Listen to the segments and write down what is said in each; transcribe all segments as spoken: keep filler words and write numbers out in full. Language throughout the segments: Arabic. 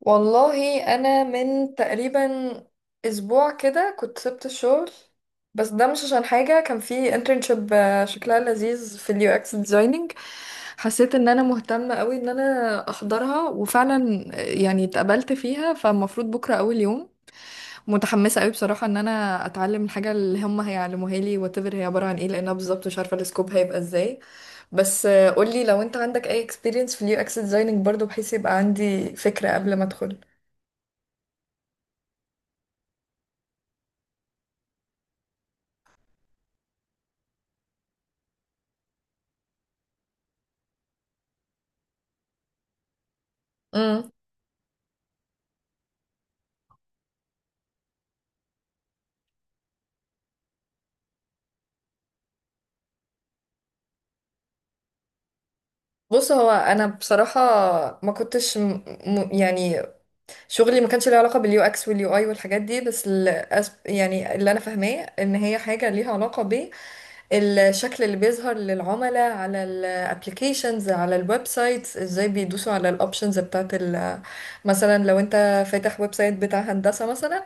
والله انا من تقريبا اسبوع كده كنت سبت الشغل. بس ده مش عشان حاجه، كان في internship، آه، شكلها لذيذ في اليو اكس ديزايننج. حسيت ان انا مهتمه قوي ان انا احضرها، وفعلا آه، يعني اتقبلت فيها، فالمفروض بكره اول يوم. متحمسه قوي بصراحه ان انا اتعلم الحاجه اللي هم هيعلموها لي واتفر هي عباره عن ايه، لانها بالظبط مش عارفه السكوب هيبقى ازاي. بس آه، قولي لو انت عندك اي experience في اليو اكس ديزايننج برضو، بحيث يبقى عندي فكره قبل ما ادخل. امم بص، هو انا بصراحه ما كنتش م... م... يعني شغلي ما كانش له علاقه باليو اكس واليو اي والحاجات دي. بس الأس... يعني اللي انا فاهماه ان هي حاجه ليها علاقه بالشكل اللي بيظهر للعملاء على الابلكيشنز، على الويب سايتس، ازاي بيدوسوا على الاوبشنز بتاعت ال... مثلا لو انت فاتح ويب سايت بتاع هندسه مثلا.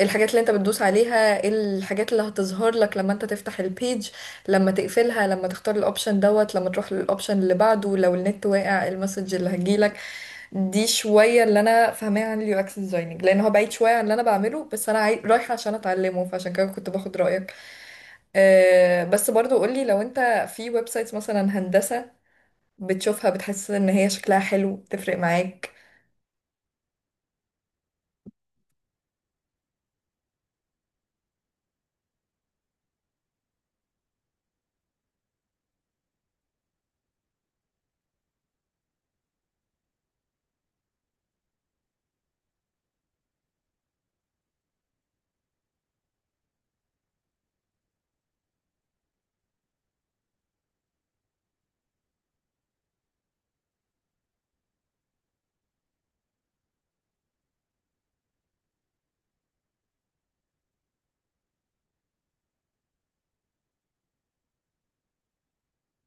الحاجات اللي انت بتدوس عليها، ايه الحاجات اللي هتظهر لك لما انت تفتح البيج، لما تقفلها، لما تختار الاوبشن دوت، لما تروح للاوبشن اللي بعده، لو النت واقع المسج اللي هتجيلك. دي شوية اللي انا فاهماها عن اليو اكس ديزايننج، لان هو بعيد شوية عن اللي انا بعمله، بس انا عاي... رايحة عشان اتعلمه، فعشان كده كنت باخد رأيك. أه بس برضو قولي، لو انت في ويب سايتس مثلا هندسة بتشوفها، بتحس ان هي شكلها حلو تفرق معاك؟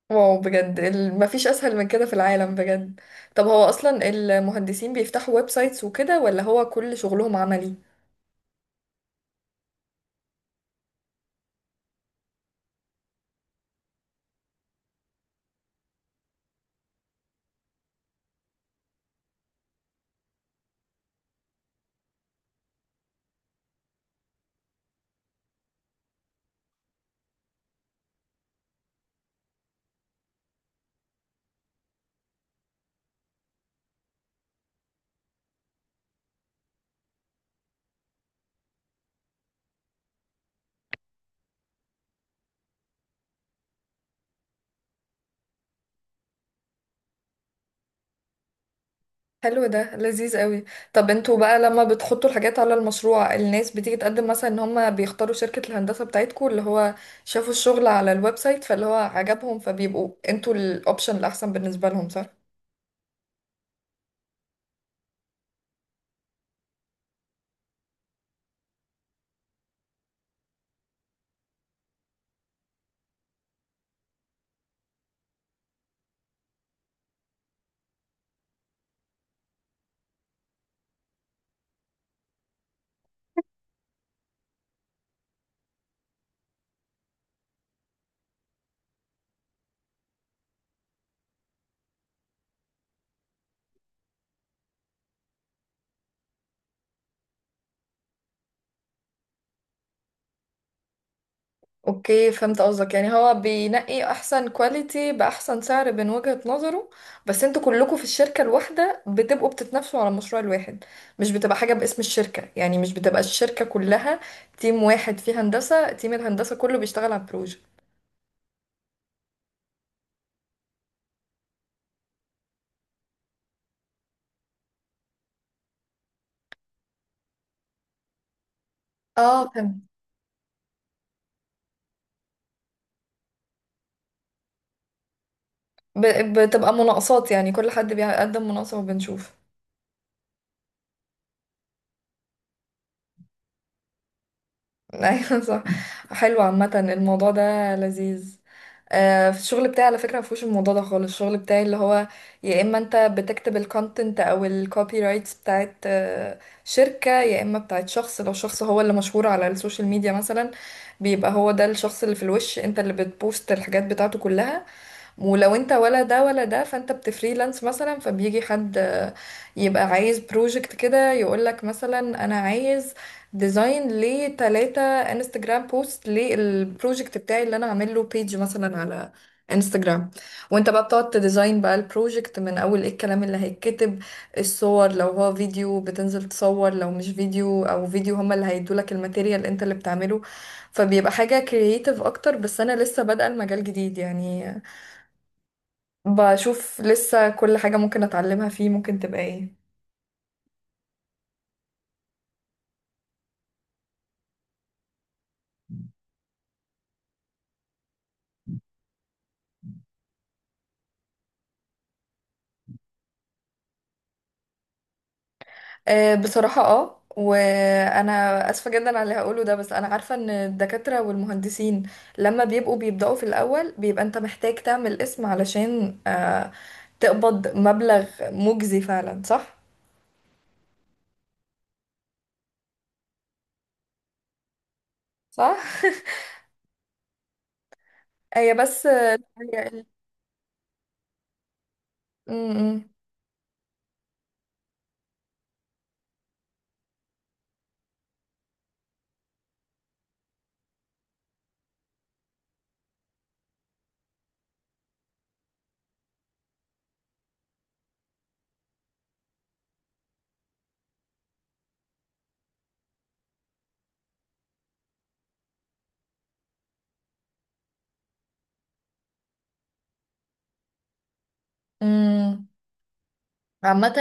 واو بجد، ال... مفيش اسهل من كده في العالم بجد. طب هو اصلا المهندسين بيفتحوا ويب سايتس وكده، ولا هو كل شغلهم عملي؟ حلو ده لذيذ قوي. طب انتوا بقى لما بتحطوا الحاجات على المشروع، الناس بتيجي تقدم مثلا ان هم بيختاروا شركة الهندسة بتاعتكم، اللي هو شافوا الشغل على الويب سايت فاللي هو عجبهم، فبيبقوا انتوا الاوبشن الاحسن بالنسبة لهم، صح؟ اوكي، فهمت قصدك. يعني هو بينقي احسن كواليتي باحسن سعر من وجهة نظره. بس انتوا كلكم في الشركة الواحدة بتبقوا بتتنافسوا على المشروع الواحد؟ مش بتبقى حاجة باسم الشركة؟ يعني مش بتبقى الشركة كلها تيم واحد؟ في هندسة تيم الهندسة كله بيشتغل على البروجكت. اه فهمت. ب- بتبقى مناقصات يعني، كل حد بيقدم مناقصة وبنشوف. ايوه صح. حلو، عامة الموضوع ده لذيذ. آه، في الشغل بتاعي على فكرة مفهوش الموضوع ده خالص. الشغل بتاعي اللي هو يا اما انت بتكتب الكونتنت او الكوبي رايتس بتاعت آه، شركة، يا اما بتاعت شخص. لو شخص هو اللي مشهور على السوشيال ميديا مثلا، بيبقى هو ده الشخص اللي في الوش، انت اللي بتبوست الحاجات بتاعته كلها. ولو انت ولا ده ولا ده، فانت بتفريلانس مثلا، فبيجي حد آه، يبقى عايز بروجكت كده، يقولك مثلا انا عايز ديزاين لتلاتة انستجرام بوست للبروجكت بتاعي اللي انا عامل له بيج مثلا على انستجرام. وانت بقى بتقعد تديزاين بقى البروجكت من اول ايه الكلام اللي هيتكتب، الصور، لو هو فيديو بتنزل تصور، لو مش فيديو او فيديو هما اللي هيدولك الماتيريال انت اللي بتعمله. فبيبقى حاجة كرييتيف اكتر، بس انا لسه بادئة المجال جديد يعني، بشوف لسه كل حاجة ممكن اتعلمها فيه ممكن تبقى ايه. آه، بصراحة اه، وانا اسفة جدا على اللي هقوله ده، بس انا عارفة ان الدكاترة والمهندسين لما بيبقوا بيبدأوا في الاول بيبقى انت محتاج تعمل اسم علشان آه، تقبض مبلغ مجزي، فعلا صح؟ صح؟ هي بس آه، هي ال- م- م- م. عامة،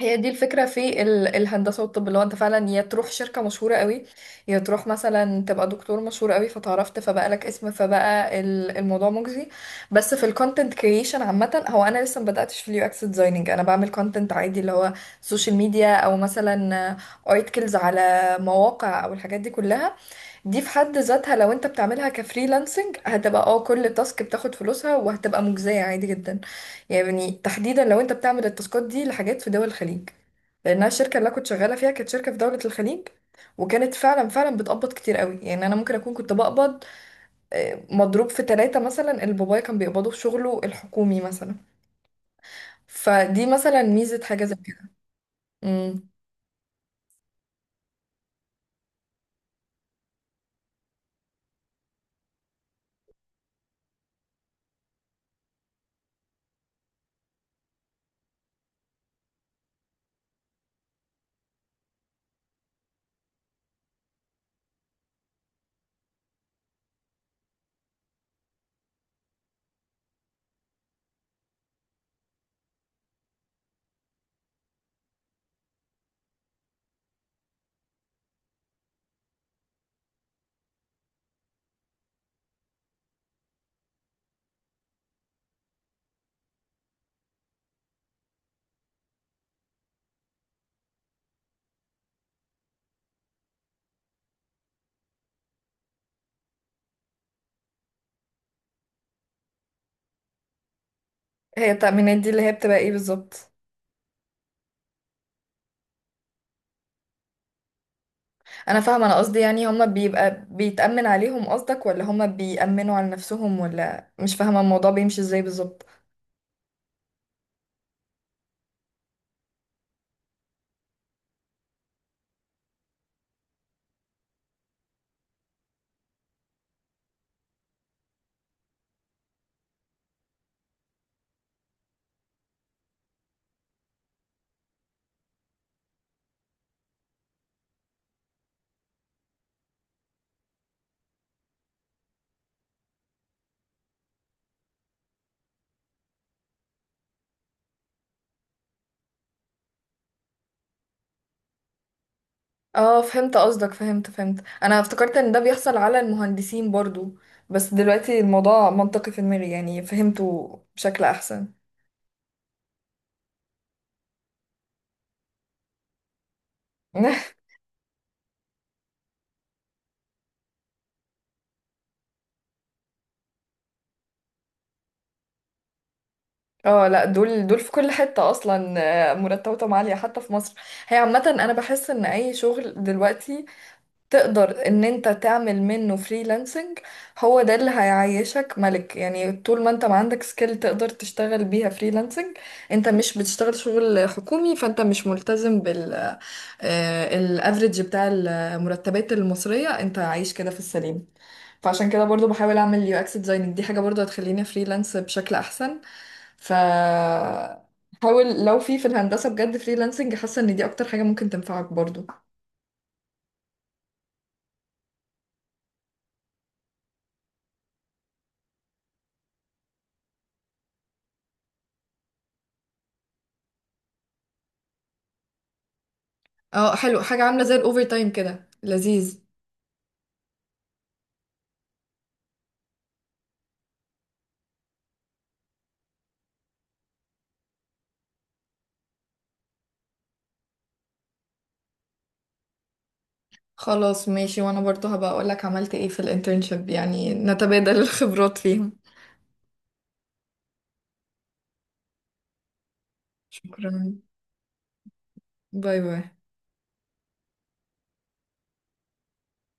هي دي الفكرة في ال- الهندسة والطب، اللي هو انت فعلا يا تروح شركة مشهورة قوي، يا تروح مثلا تبقى دكتور مشهور قوي، فتعرفت فبقى لك اسم، فبقى ال- الموضوع مجزي. بس في الكونتنت كريشن عامة، هو انا لسه مبدأتش في اليو اكس ديزايننج. انا بعمل كونتنت عادي، اللي هو سوشيال ميديا او مثلا ارتكلز على مواقع او الحاجات دي كلها. دي في حد ذاتها لو انت بتعملها كفريلانسنج، هتبقى اه كل تاسك بتاخد فلوسها وهتبقى مجزية عادي جدا. يعني تحديدا لو انت بتعمل التاسكات دي لحاجات في دول الخليج، لانها الشركة اللي انا كنت شغالة فيها كانت شركة في دولة الخليج، وكانت فعلا فعلا بتقبض كتير قوي. يعني انا ممكن اكون كنت بقبض آه، مضروب في ثلاثة مثلا اللي بابايا كان بيقبضه في شغله الحكومي مثلا، فدي مثلا ميزة حاجة زي كده. امم هي التأمينات دي اللي هي بتبقى ايه بالظبط؟ انا فاهمه، انا قصدي يعني هما بيبقى بيتأمن عليهم قصدك، ولا هما بيأمنوا على نفسهم، ولا مش فاهمه الموضوع بيمشي ازاي بالظبط؟ اه فهمت قصدك، فهمت فهمت. انا افتكرت ان ده بيحصل على المهندسين برضو، بس دلوقتي الموضوع منطقي في دماغي، يعني فهمته بشكل احسن. اه لا دول دول في كل حتة اصلا، آه، مرتباتهم عالية حتى في مصر. هي عامة انا بحس ان اي شغل دلوقتي تقدر ان انت تعمل منه فريلانسنج هو ده اللي هيعيشك ملك. يعني طول ما انت ما عندك سكيل تقدر تشتغل بيها فريلانسنج، انت مش بتشتغل شغل حكومي، فانت مش ملتزم بال الافريج بتاع المرتبات المصرية. انت عايش كده في السليم، فعشان كده برضو بحاول اعمل يو اكس ديزايننج، دي حاجة برضو هتخليني فريلانس بشكل احسن. ف حاول لو في في الهندسة بجد فريلانسنج، حاسة ان دي اكتر حاجة ممكن تنفعك برضو. اه حلو، حاجة عاملة زي الأوفر تايم، كده لذيذ. خلاص ماشي، وأنا برضو هبقى أقولك عملت ايه في الانترنشيب، يعني نتبادل الخبرات فيهم. شكرا. باي باي.